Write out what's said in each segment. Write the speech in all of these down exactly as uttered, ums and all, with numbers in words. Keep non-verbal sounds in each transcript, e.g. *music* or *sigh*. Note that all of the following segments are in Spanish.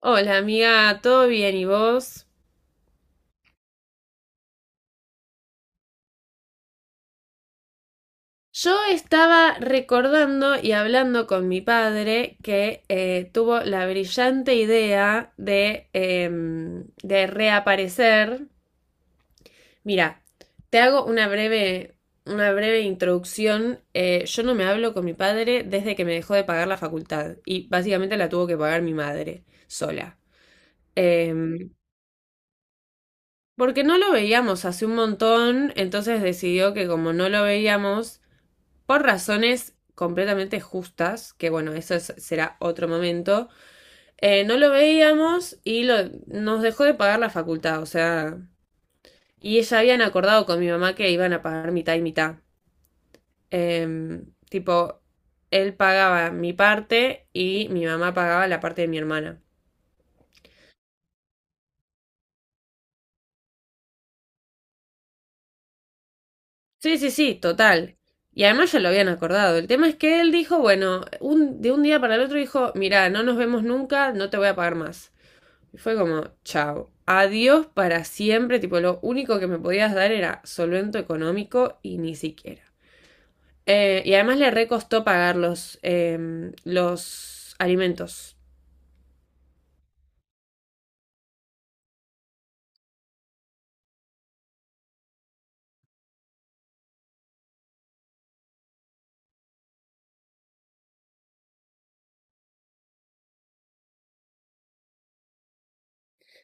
Hola amiga, ¿todo bien y vos? Yo estaba recordando y hablando con mi padre que eh, tuvo la brillante idea de, em, de reaparecer. Mira, te hago una breve, una breve introducción. Eh, yo no me hablo con mi padre desde que me dejó de pagar la facultad y básicamente la tuvo que pagar mi madre sola. Em, Porque no lo veíamos hace un montón, entonces decidió que como no lo veíamos, por razones completamente justas, que bueno, eso es- será otro momento, eh, no lo veíamos y lo- nos dejó de pagar la facultad, o sea, y ella habían acordado con mi mamá que iban a pagar mitad y mitad. Em, tipo, él pagaba mi parte y mi mamá pagaba la parte de mi hermana. Sí, sí, sí, total. Y además ya lo habían acordado. El tema es que él dijo, bueno, un- de un día para el otro dijo, mira, no nos vemos nunca, no te voy a pagar más. Y fue como, chao, adiós para siempre, tipo lo único que me podías dar era solvento económico y ni siquiera. Eh, y además le recostó pagar los, em, los alimentos.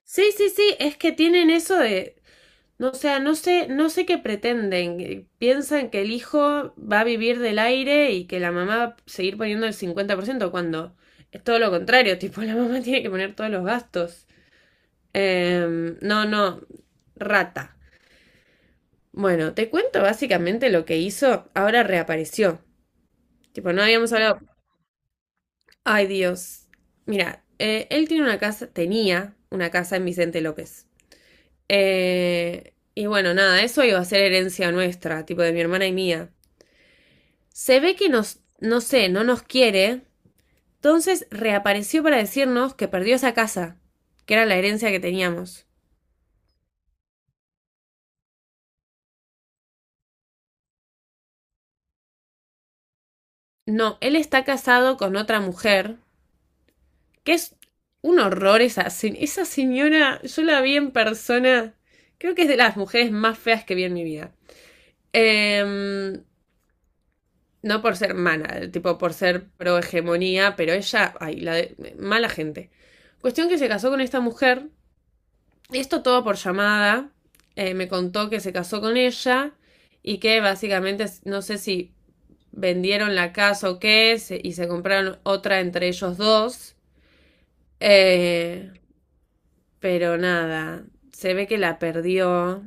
Sí, sí, sí, es que tienen eso de, no, o sea, no sé, no sé qué pretenden. eh, Piensan que el hijo va a vivir del aire y que la mamá va a seguir poniendo el cincuenta por ciento cuando es todo lo contrario. *laughs* Tipo, la mamá tiene que poner todos los gastos. Em, no, no, rata. Bueno, te cuento básicamente lo que hizo. Ahora reapareció. Tipo, no habíamos hablado. Ay, Dios. Mira, eh, él tiene una casa, tenía una casa en Vicente López. Eh, y bueno, nada, eso iba a ser herencia nuestra, tipo de mi hermana y mía. Se ve que nos, no sé, no nos quiere. Entonces reapareció para decirnos que perdió esa casa, que era la herencia que teníamos. No, él está casado con otra mujer. Que es un horror esa, se- esa señora, yo la vi en persona, creo que es de las mujeres más feas que vi en mi vida. Em, no por ser mala, tipo por ser pro hegemonía, pero ella, ay, la de- mala gente. Cuestión que se casó con esta mujer, esto todo por llamada, eh, me contó que se casó con ella y que básicamente, no sé si vendieron la casa o qué, se- y se compraron otra entre ellos dos. Eh, Pero nada, se ve que la perdió,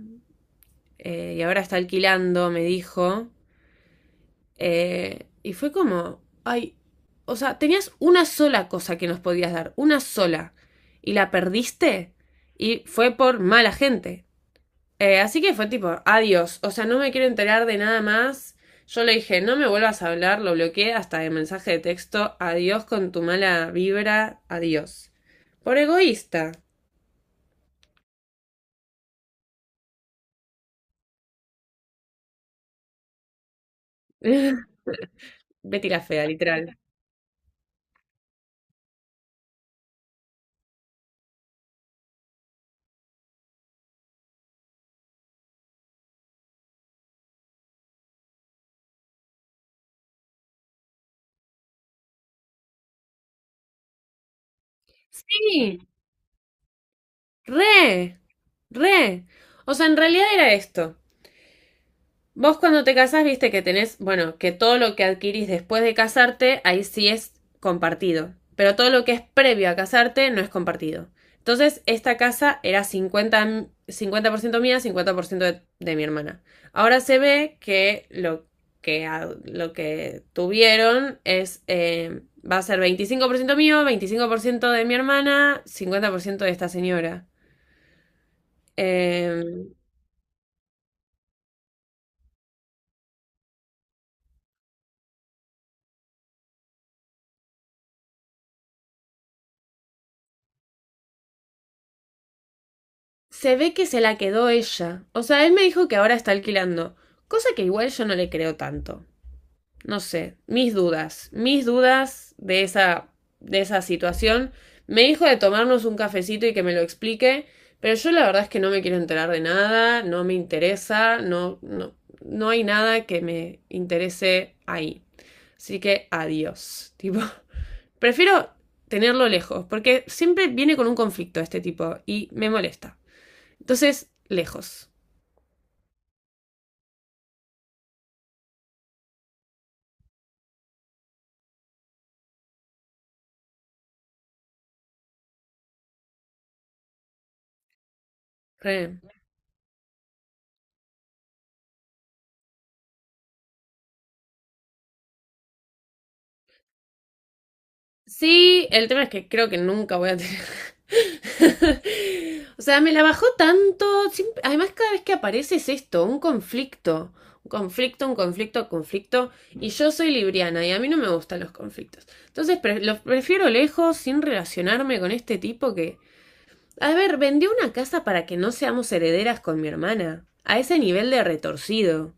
eh, y ahora está alquilando, me dijo. Eh, y fue como, ay, o sea, tenías una sola cosa que nos podías dar, una sola, y la perdiste y fue por mala gente. Eh, así que fue tipo, adiós, o sea, no me quiero enterar de nada más. Yo le dije, no me vuelvas a hablar, lo bloqueé hasta el mensaje de texto, adiós con tu mala vibra, adiós. Por egoísta. *laughs* Betty la fea, literal. Sí, re, re. O sea, en realidad era esto. Vos cuando te casás, viste que tenés, bueno, que todo lo que adquirís después de casarte, ahí sí es compartido. Pero todo lo que es previo a casarte no es compartido. Entonces, esta casa era cincuenta m- cincuenta por ciento mía, cincuenta por ciento de, de mi hermana. Ahora se ve que lo que, a- lo que tuvieron es, eh, va a ser veinticinco por ciento mío, veinticinco por ciento de mi hermana, cincuenta por ciento de esta señora. Eh, Se ve que se la quedó ella. O sea, él me dijo que ahora está alquilando. Cosa que igual yo no le creo tanto. No sé, mis dudas, mis dudas de esa, de esa situación. Me dijo de tomarnos un cafecito y que me lo explique, pero yo la verdad es que no me quiero enterar de nada, no me interesa, no, no, no hay nada que me interese ahí. Así que adiós. Tipo, *laughs* prefiero tenerlo lejos, porque siempre viene con un conflicto este tipo y me molesta. Entonces, lejos. Re. Sí, el tema es que creo que nunca voy a tener. *laughs* O sea, me la bajó tanto. siempre- Además, cada vez que aparece es esto, un conflicto. Un conflicto, un conflicto, un conflicto. Y yo soy libriana y a mí no me gustan los conflictos. Entonces, pre- los prefiero lejos, sin relacionarme con este tipo que... A ver, vendió una casa para que no seamos herederas con mi hermana. A ese nivel de retorcido.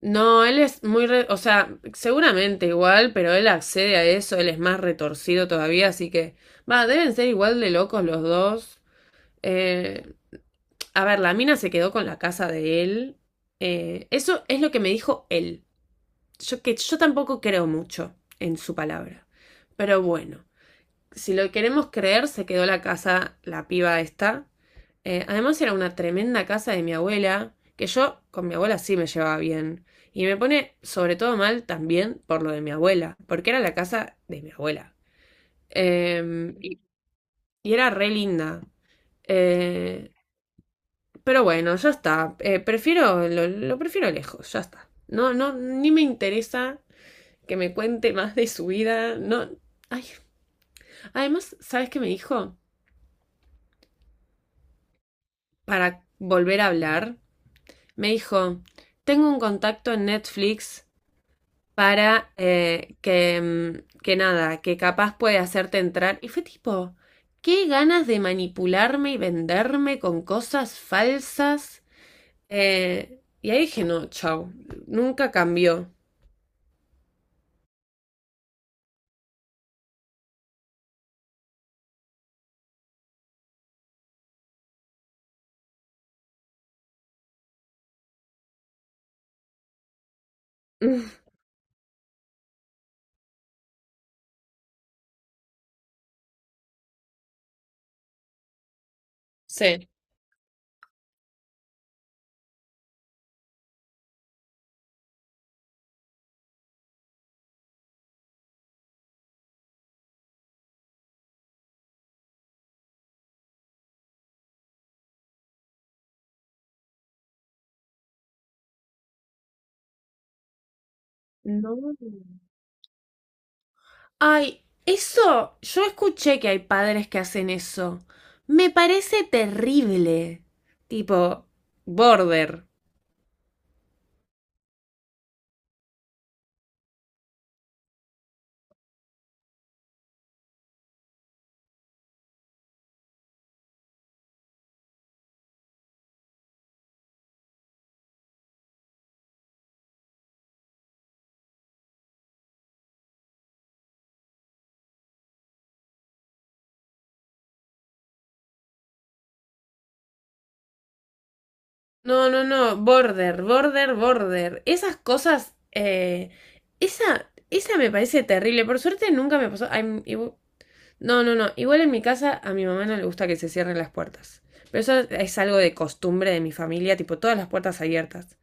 No, él es muy, re- o sea, seguramente igual, pero él accede a eso, él es más retorcido todavía, así que, va, deben ser igual de locos los dos. Eh, a ver, la mina se quedó con la casa de él. Eh, eso es lo que me dijo él. Yo que yo tampoco creo mucho en su palabra. Pero bueno, si lo queremos creer, se quedó la casa, la piba esta. Eh, además era una tremenda casa de mi abuela, que yo con mi abuela sí me llevaba bien. Y me pone sobre todo mal también por lo de mi abuela, porque era la casa de mi abuela. Eh, y, y era re linda. Eh, pero bueno, ya está. Eh, prefiero, lo, lo prefiero lejos, ya está. No, no, ni me interesa que me cuente más de su vida. No. Ay. Además, ¿sabes qué me dijo? Para volver a hablar, me dijo, tengo un contacto en Netflix para eh, que, mm, que nada, que capaz puede hacerte entrar. Y fue tipo, qué ganas de manipularme y venderme con cosas falsas. Eh, y ahí dije, no, chau, nunca cambió. *laughs* Sí. No. Ay, eso, yo escuché que hay padres que hacen eso. Me parece terrible. Tipo, border. No, no, no, border, border, border. Esas cosas, eh, esa, esa me parece terrible. Por suerte nunca me pasó. Ay, m- igu- no, no, no. Igual en mi casa a mi mamá no le gusta que se cierren las puertas. Pero eso es algo de costumbre de mi familia, tipo todas las puertas abiertas.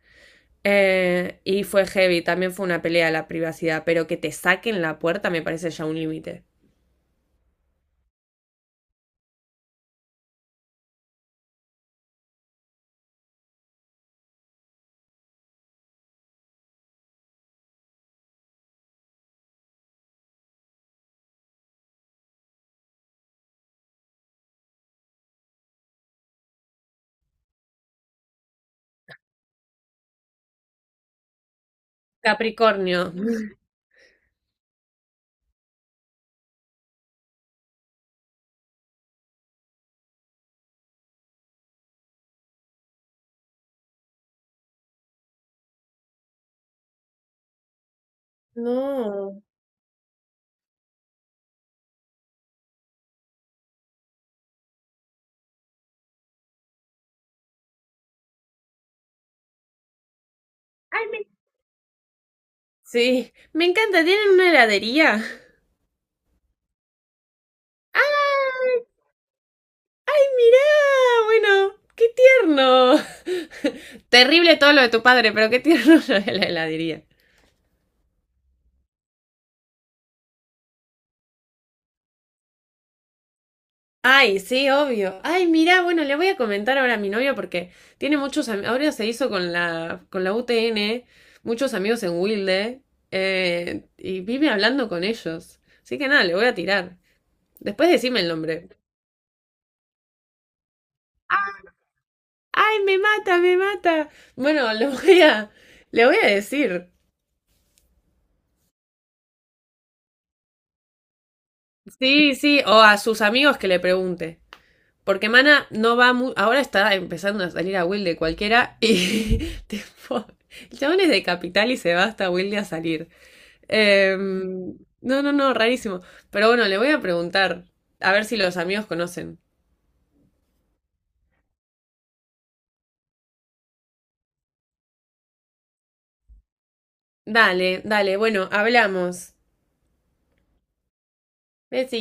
Eh, y fue heavy, también fue una pelea a la privacidad, pero que te saquen la puerta me parece ya un límite. Capricornio. No. Ay, me... Sí, me encanta, tienen una heladería. ¡Ah! ¡Ay, mirá! Bueno, qué tierno. *laughs* Terrible todo lo de tu padre, pero qué tierno *laughs* lo de la heladería. Ay, sí, obvio. Ay, mirá, bueno, le voy a comentar ahora a mi novio porque tiene muchos amigos. Ahora se hizo con la, con la U T N, muchos amigos en Wilde, eh, y vive hablando con ellos. Así que nada, le voy a tirar. Después decime el nombre. Ah, ¡ay, me mata, me mata! Bueno, lo voy a, le voy a decir. Sí, sí, o a sus amigos que le pregunte. Porque Mana no va mu- ahora está empezando a salir a Wilde cualquiera y *laughs* tipo, el chabón es de capital y se va hasta Wilde a salir. Eh, no, no, no, rarísimo. Pero bueno, le voy a preguntar a ver si los amigos conocen. Dale, dale, bueno, hablamos. Besi.